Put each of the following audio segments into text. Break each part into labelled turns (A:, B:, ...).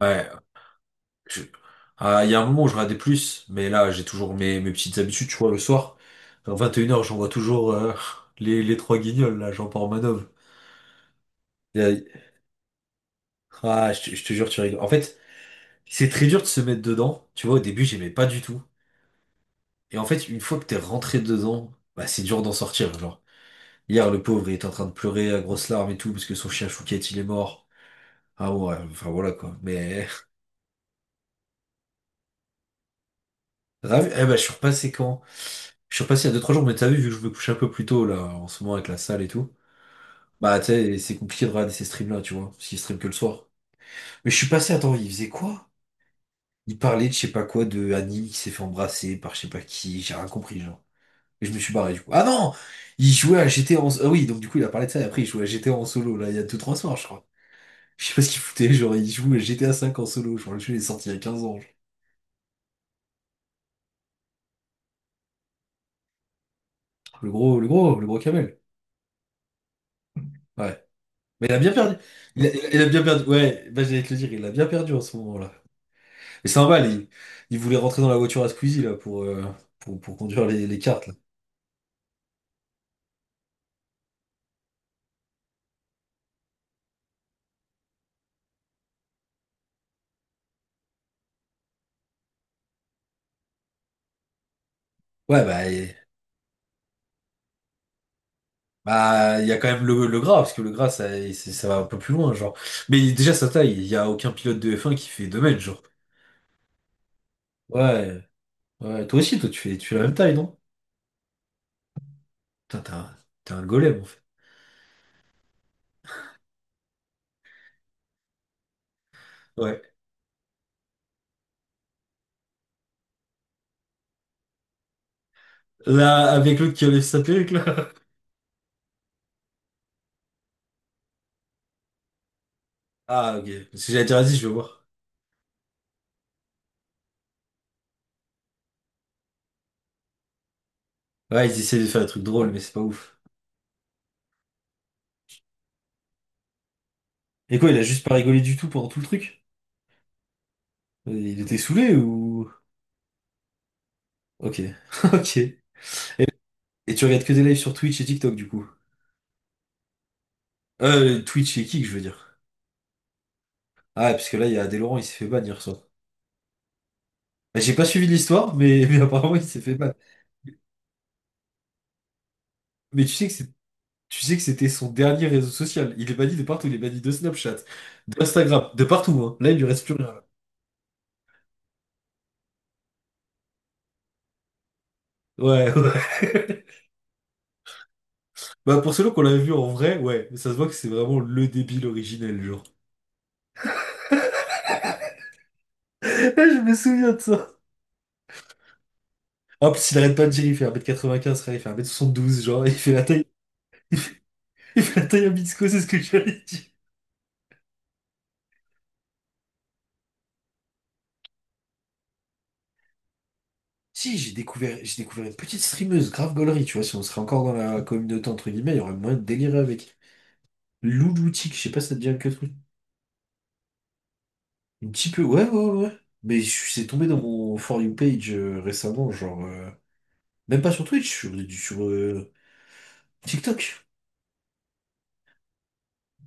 A: Ouais, je- ah, il y a un moment où je regardais plus, mais là j'ai toujours mes petites habitudes, tu vois, le soir, à 21 heures j'envoie toujours les trois guignols, là, Jean-Paul Manov. Et, euh, Ah, je te jure, tu rigoles. En fait, c'est très dur de se mettre dedans, tu vois, au début j'aimais pas du tout. Et en fait, une fois que t'es rentré dedans, bah c'est dur d'en sortir, genre. Hier, le pauvre, il était en train de pleurer à grosses larmes et tout, parce que son chien Chouquette, il est mort. Ah ouais, enfin voilà quoi. Mais Ravi. Eh ben, je suis repassé quand? Je suis repassé il y a deux trois jours, mais t'as vu, vu que je me couche un peu plus tôt, là, en ce moment, avec la salle et tout. Bah, tu sais, c'est compliqué de regarder ces streams-là, tu vois, parce qu'ils streament que le soir. Mais je suis passé, attends, il faisait quoi? Il parlait de je sais pas quoi, de Annie qui s'est fait embrasser par je sais pas qui, j'ai rien compris, genre. Et je me suis barré, du coup. Ah non! Il jouait à GTA en... Ah oui, donc du coup, il a parlé de ça, et après, il jouait à GTA en solo, là, il y a deux trois soirs, je crois. Je sais pas ce qu'il foutait, genre, il joue à GTA 5 en solo, genre, le jeu il est sorti il y a 15 ans, genre. Le gros, le gros, le gros camel. Ouais. Mais il a bien perdu. Il a bien perdu. Ouais, bah, j'allais te le dire, il a bien perdu en ce moment-là. Mais c'est un bal, il voulait rentrer dans la voiture à Squeezie là, pour conduire les cartes. Là. Ouais, bah, il y a quand même le gras, parce que le gras, ça, ça va un peu plus loin, genre. Mais déjà, sa taille, il n'y a aucun pilote de F1 qui fait 2 mètres, genre. Ouais, ouais, toi aussi, toi, tu fais la même taille, non? Putain, t'es un golem, en fait. Ouais. Là, avec l'autre qui enlève sa perruque, là. Ah, ok. Parce que j'allais dire, vas-y, je vais voir. Ouais, ils essaient de faire des trucs drôles, mais c'est pas ouf. Et quoi, il a juste pas rigolé du tout pendant tout le truc? Il était saoulé ou... Ok, ok. Et tu regardes que des lives sur Twitch et TikTok du coup? Twitch et Kick, je veux dire. Ah, parce que là, il y a Adèle Laurent, il s'est fait ban hier soir. Bah, j'ai pas suivi l'histoire, mais mais apparemment, il s'est fait ban. Mais tu sais que c'est, tu sais que c'était son dernier réseau social. Il est banni de partout. Il est banni de Snapchat, d'Instagram, de partout, hein. Là, il lui reste plus rien. Ouais, ouais. Bah, pour ceux qu'on l'avait vu en vrai, ouais. Mais ça se voit que c'est vraiment le débile originel, genre. Je me souviens de ça. En plus, il arrête pas de dire, il fait 1m95, frère, il fait 1m72, genre, il fait la taille à Mitsuko, c'est ce que j'allais dire. Si, j'ai découvert une petite streameuse, grave gaulerie, tu vois, si on serait encore dans la communauté, entre guillemets, il y aurait moyen de délirer avec. Louloutique, je sais pas si ça te dit quelque chose. Un petit peu, ouais, ouais, ouais, ouais. Mais je suis tombé dans mon For You page récemment, genre, même pas sur Twitch, sur TikTok.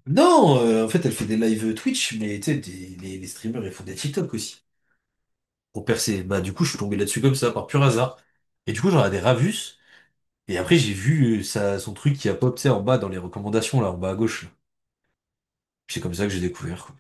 A: Non, en fait, elle fait des lives Twitch, mais tu sais, les streamers, ils font des TikTok aussi pour percer. Bah, du coup, je suis tombé là-dessus comme ça, par pur hasard. Et du coup, j'en ai des Ravus. Et après, j'ai vu ça, son truc qui a pop, tu sais, en bas dans les recommandations, là, en bas à gauche, là. C'est comme ça que j'ai découvert, quoi.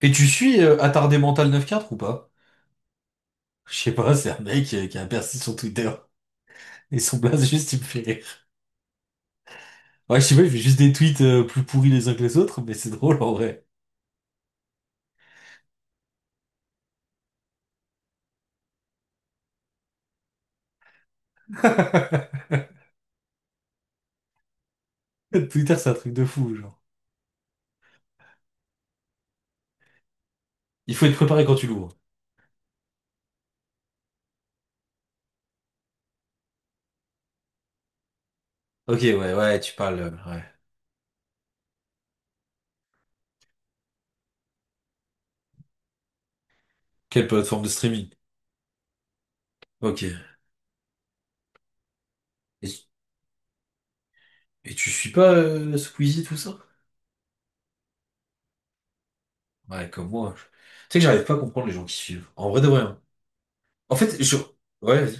A: Et tu suis Attardé Mental 9-4 ou pas? Je sais pas, c'est un mec qui a percé son Twitter. Et son blaze, juste, il me fait rire. Ouais, je sais pas, il fait juste des tweets plus pourris les uns que les autres, mais c'est drôle en vrai. Twitter, c'est un truc de fou, genre. Il faut être préparé quand tu l'ouvres. Ok, ouais, ouais, tu parles, ouais. Quelle plateforme de streaming? Ok. Et Et tu suis pas Squeezie, tout ça? Ouais, comme moi, tu sais que j'arrive pas à comprendre les gens qui suivent. En vrai de vrai, hein. En fait, je... Ouais, vas-y.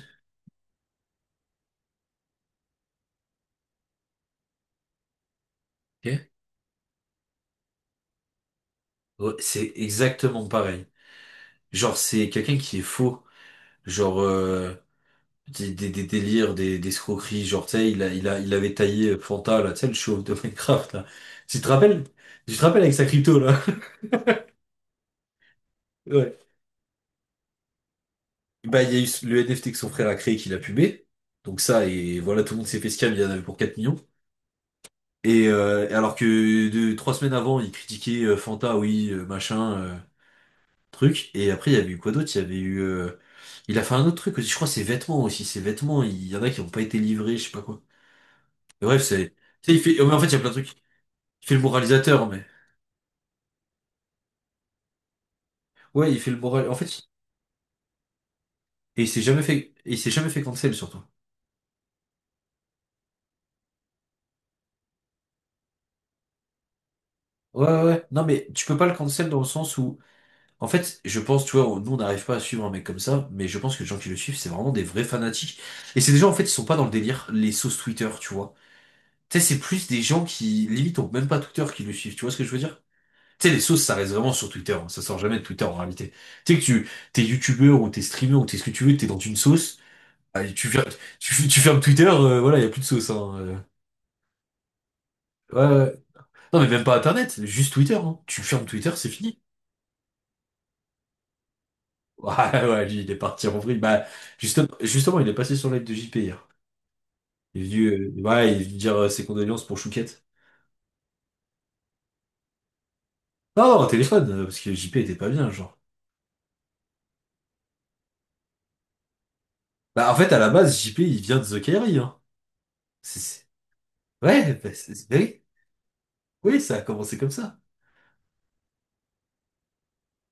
A: Ok. Ouais, c'est exactement pareil. Genre, c'est quelqu'un qui est faux. Genre, des délires, des escroqueries. Genre, tu sais, il avait taillé Fanta, là, tu sais, le chauve de Minecraft, là. Tu te rappelles? Tu te rappelles avec sa crypto, là? Ouais. Bah, il y a eu le NFT que son frère a créé qu'il a pubé. Donc ça, et voilà, tout le monde s'est fait scam, il y en avait pour 4 millions. Et et alors que deux, trois semaines avant, ils critiquaient Fanta, oui, machin, truc. Et après, il y avait eu quoi d'autre? Il y avait eu... il a fait un autre truc aussi, je crois, ses vêtements aussi. Ses vêtements, il y en a qui n'ont pas été livrés, je sais pas quoi. Mais bref, c'est... Tu sais, il fait... Mais en fait, il y a plein de trucs. Il fait le moralisateur, mais... Ouais, il fait le moral... En fait, et il s'est jamais fait cancel, surtout. Ouais, ouais, ouais. Non, mais tu peux pas le cancel dans le sens où... En fait, je pense, tu vois, nous on n'arrive pas à suivre un mec comme ça, mais je pense que les gens qui le suivent, c'est vraiment des vrais fanatiques. Et c'est des gens, en fait, ils sont pas dans le délire, les sauces Twitter, tu vois. Tu sais, c'est plus des gens qui, limite, ont même pas Twitter qui le suivent, tu vois ce que je veux dire? Tu sais, les sauces, ça reste vraiment sur Twitter, hein, ça sort jamais de Twitter en réalité. Tu sais que tu, t'es youtubeur ou t'es streamer ou t'es ce que tu veux, t'es dans une sauce, ah, et tu fermes Twitter, voilà, il y a plus de sauce, hein, Ouais, ouais. Non, mais même pas Internet, juste Twitter, hein. Tu fermes Twitter, c'est fini. Ouais, ouais, lui, il est parti en vrille. Bah, justement, il est passé sur l'aide de JP hier. Il est venu, ouais, il est venu dire ses condoléances pour Chouquette. Non, non, au téléphone, parce que JP était pas bien, genre. Bah, en fait, à la base, JP, il vient de The Kairi, hein. C'est- c'est- Ouais, bah, bah oui, oui, ça a commencé comme ça.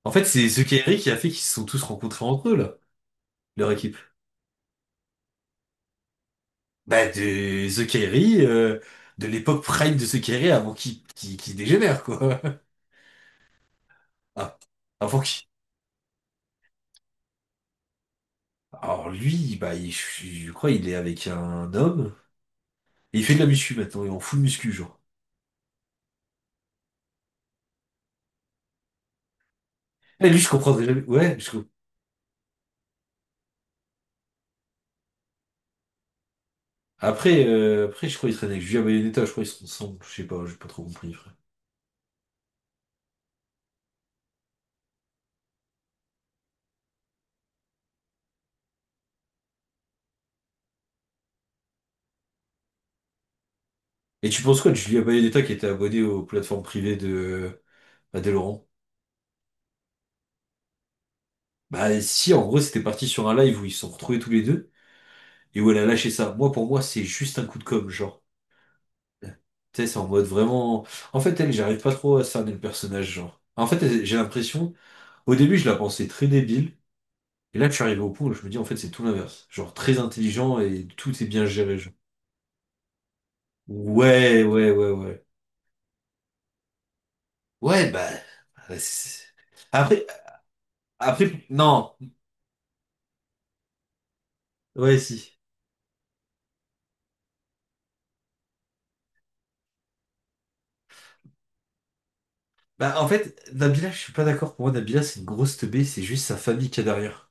A: En fait, c'est The Kairi qui a fait qu'ils se sont tous rencontrés entre eux, là, leur équipe. Bah, de The Kairi, de l'époque prime de The Kairi avant qu'il dégénère, quoi. Ah, avant qu'il... Alors lui, bah, je crois il est avec un homme. Et il fait de la muscu maintenant, il est en full muscu, genre. Et lui, je comprendrais jamais. Ouais, après, je crois qu'il traîne avec Julia Bayonetta, je crois qu'ils sont ensemble. Je sais pas, j'ai pas trop compris, frère. Et tu penses quoi de Julia Bayonetta qui était abonnée aux plateformes privées de Adèle Laurent? Bah si, en gros, c'était parti sur un live où ils se sont retrouvés tous les deux et où elle a lâché ça. Moi, pour moi, c'est juste un coup de com', genre. Tu sais, c'est en mode vraiment. En fait, elle, j'arrive pas trop à cerner le personnage, genre. En fait, elle- j'ai l'impression, au début, je la pensais très débile. Et là, je suis arrivé au point où je me dis, en fait, c'est tout l'inverse. Genre, très intelligent et tout est bien géré, genre. Ouais, ouais, ouais, ouais. Ouais, bah. Ouais, c'est- après, après, non. Ouais, si. Bah, en fait, Nabila, je suis pas d'accord. Pour moi, Nabila, c'est une grosse teubée, c'est juste sa famille qui est derrière.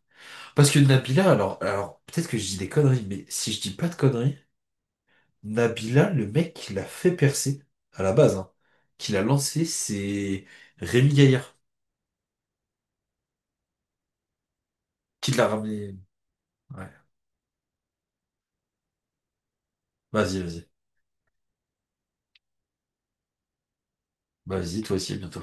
A: Parce que Nabila, alors, peut-être que je dis des conneries, mais si je dis pas de conneries, Nabila, le mec qui l'a fait percer, à la base, hein, qui l'a lancé, c'est Rémi Gaillard, qui l'a ramené. Ouais. Vas-y, vas-y. Bah, vas-y, toi aussi, à bientôt.